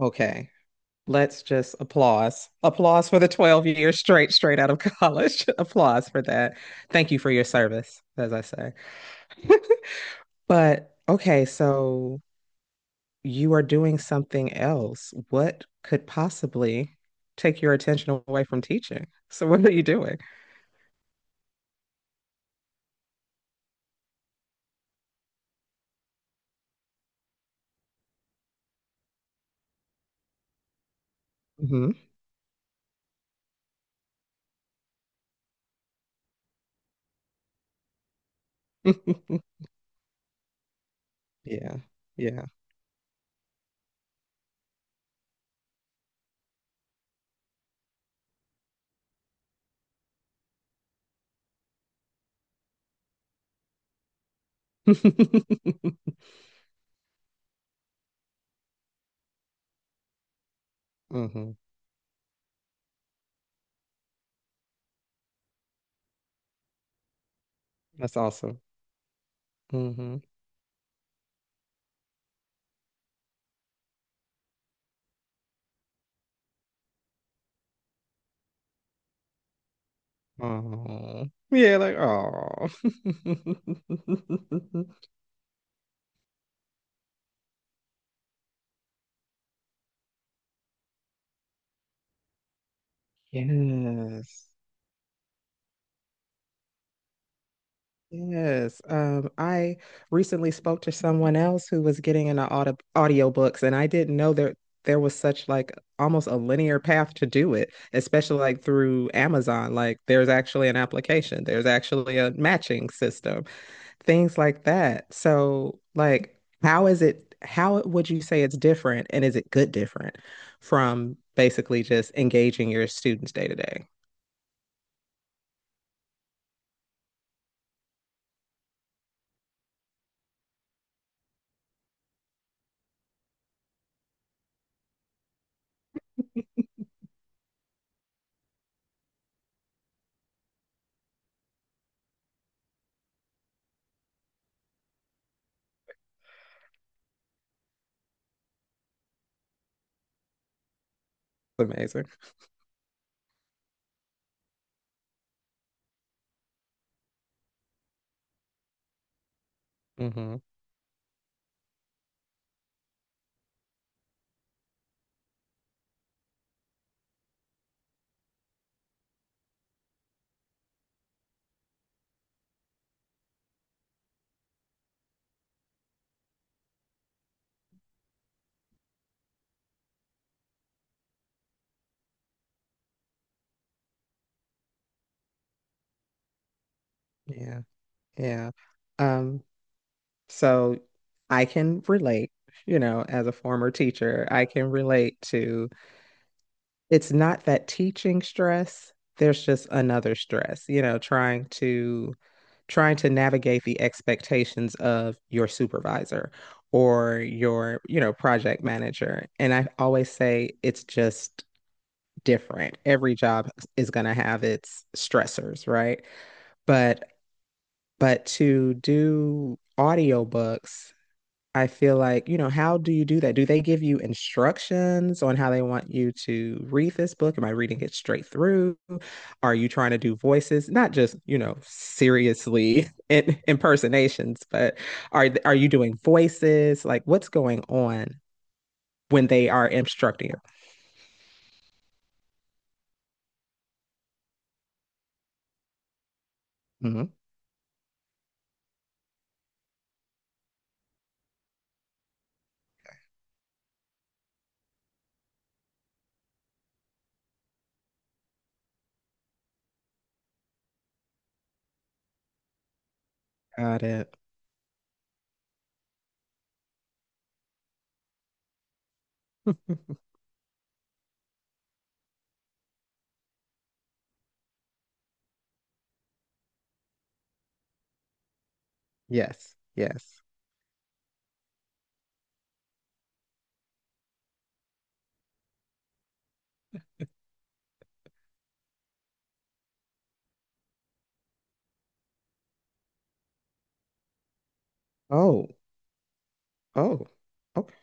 Okay. Let's just applause. Applause for the 12 years straight, straight out of college. Applause for that. Thank you for your service, as I say. But okay, so you are doing something else. What could possibly take your attention away from teaching? So what are you doing? Hmm. Yeah. Yeah. Hmm. That's awesome. Hmm. Oh. Yeah, like oh. Yes. Yes. I recently spoke to someone else who was getting into audiobooks, and I didn't know there was such like almost a linear path to do it, especially like through Amazon. Like there's actually an application, there's actually a matching system, things like that. So like how is it, how would you say it's different and is it good different from basically just engaging your students day to day? Amazing. Hmm. Yeah. Yeah. Um, so I can relate, you know, as a former teacher. I can relate to, it's not that teaching stress, there's just another stress, you know, trying to, trying to navigate the expectations of your supervisor or your, you know, project manager. And I always say it's just different. Every job is going to have its stressors, right? But but to do audiobooks, I feel like, you know, how do you do that? Do they give you instructions on how they want you to read this book? Am I reading it straight through? Are you trying to do voices? Not just, you know, seriously in, impersonations, but are you doing voices? Like what's going on when they are instructing you? Mhm. Got it. Yes. Yes. Oh, oh, okay.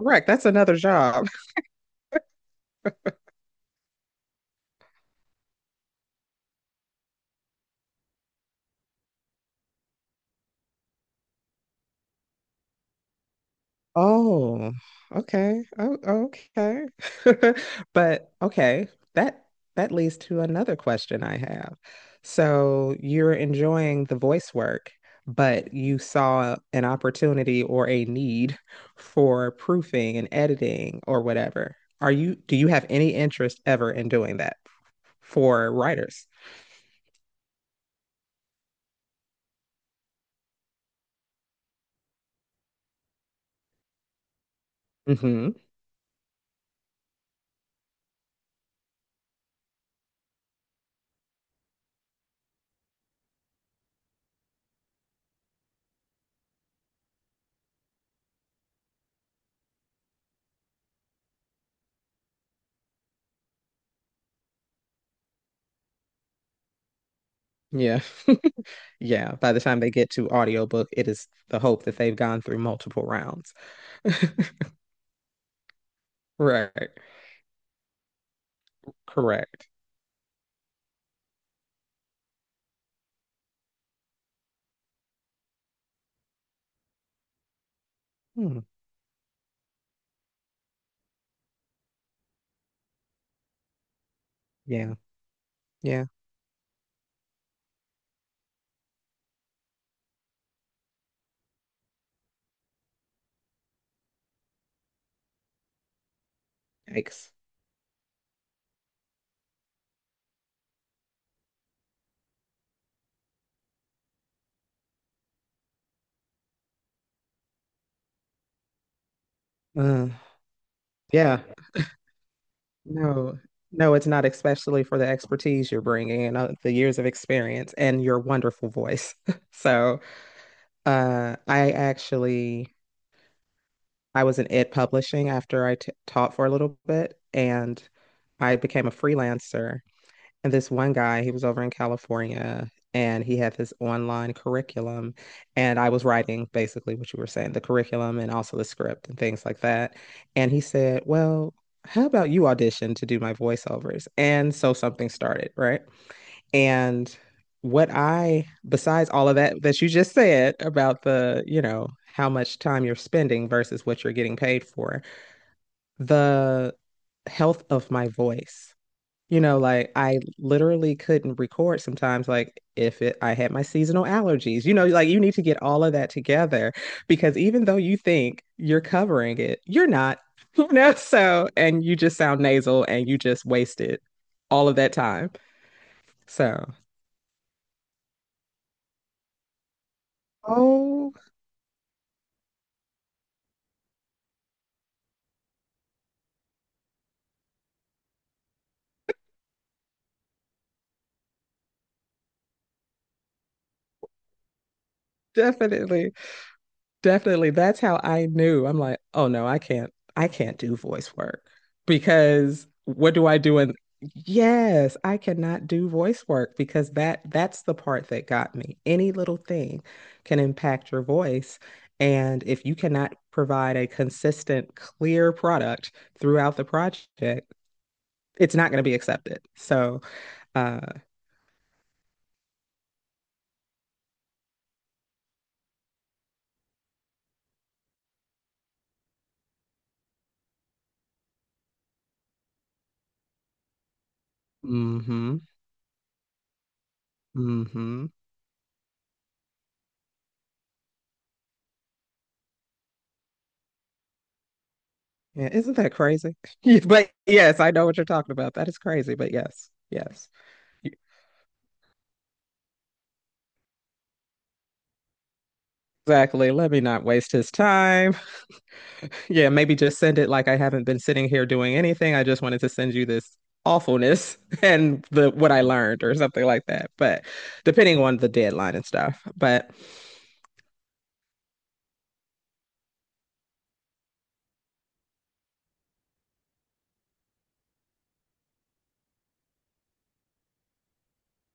Correct. That's another job. Oh, okay. Oh, okay. But okay, that that leads to another question I have. So you're enjoying the voice work, but you saw an opportunity or a need for proofing and editing or whatever. Are you, do you have any interest ever in doing that for writers? Hmm. Yeah. Yeah. By the time they get to audiobook, it is the hope that they've gone through multiple rounds. Right. Correct. Hmm. Yeah. Yeah. Yikes. Uh, Yeah. No, no, it's not, especially for the expertise you're bringing and the years of experience and your wonderful voice. So, uh, I actually I was in ed publishing after I t taught for a little bit, and I became a freelancer. And this one guy, he was over in California and he had this online curriculum. And I was writing basically what you were saying, the curriculum and also the script and things like that. And he said, "Well, how about you audition to do my voiceovers?" And so something started, right? And what I, besides all of that that you just said about the, you know, how much time you're spending versus what you're getting paid for, the health of my voice, you know, like I literally couldn't record sometimes, like if it, I had my seasonal allergies. You know, like you need to get all of that together because even though you think you're covering it, you're not, you know, so, and you just sound nasal and you just wasted all of that time. So, oh, definitely. Definitely. That's how I knew. I'm like, oh no, I can't do voice work because what do I do? And yes, I cannot do voice work because that's the part that got me. Any little thing can impact your voice. And if you cannot provide a consistent, clear product throughout the project, it's not going to be accepted. So, uh, mm-hmm, mm-hmm. Yeah, isn't that crazy? Yeah, but yes, I know what you're talking about. That is crazy, but yes, yes. Exactly. Let me not waste his time. Yeah, maybe just send it like I haven't been sitting here doing anything. I just wanted to send you this awfulness and the what I learned or something like that. But depending on the deadline and stuff. But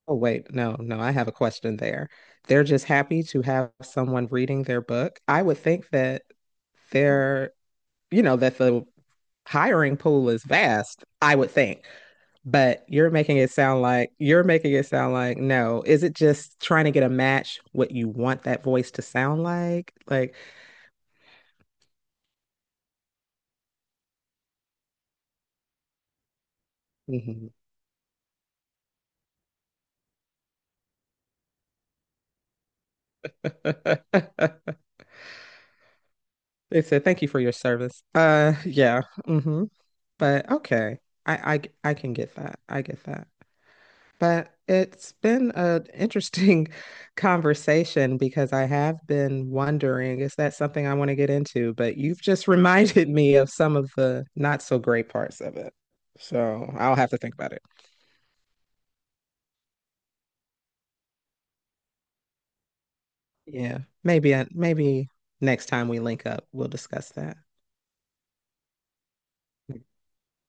oh, wait, no, no, I have a question there. They're just happy to have someone reading their book. I would think that they're, you know, that the hiring pool is vast, I would think. But you're making it sound like, you're making it sound like no. Is it just trying to get a match what you want that voice to sound like? Like, mhm. They said, thank you for your service. Yeah. Hmm. But okay. I, I can get that. I get that. But it's been an interesting conversation because I have been wondering, is that something I want to get into? But you've just reminded me of some of the not so great parts of it. So I'll have to think about it. Yeah. Maybe next time we link up, we'll discuss that.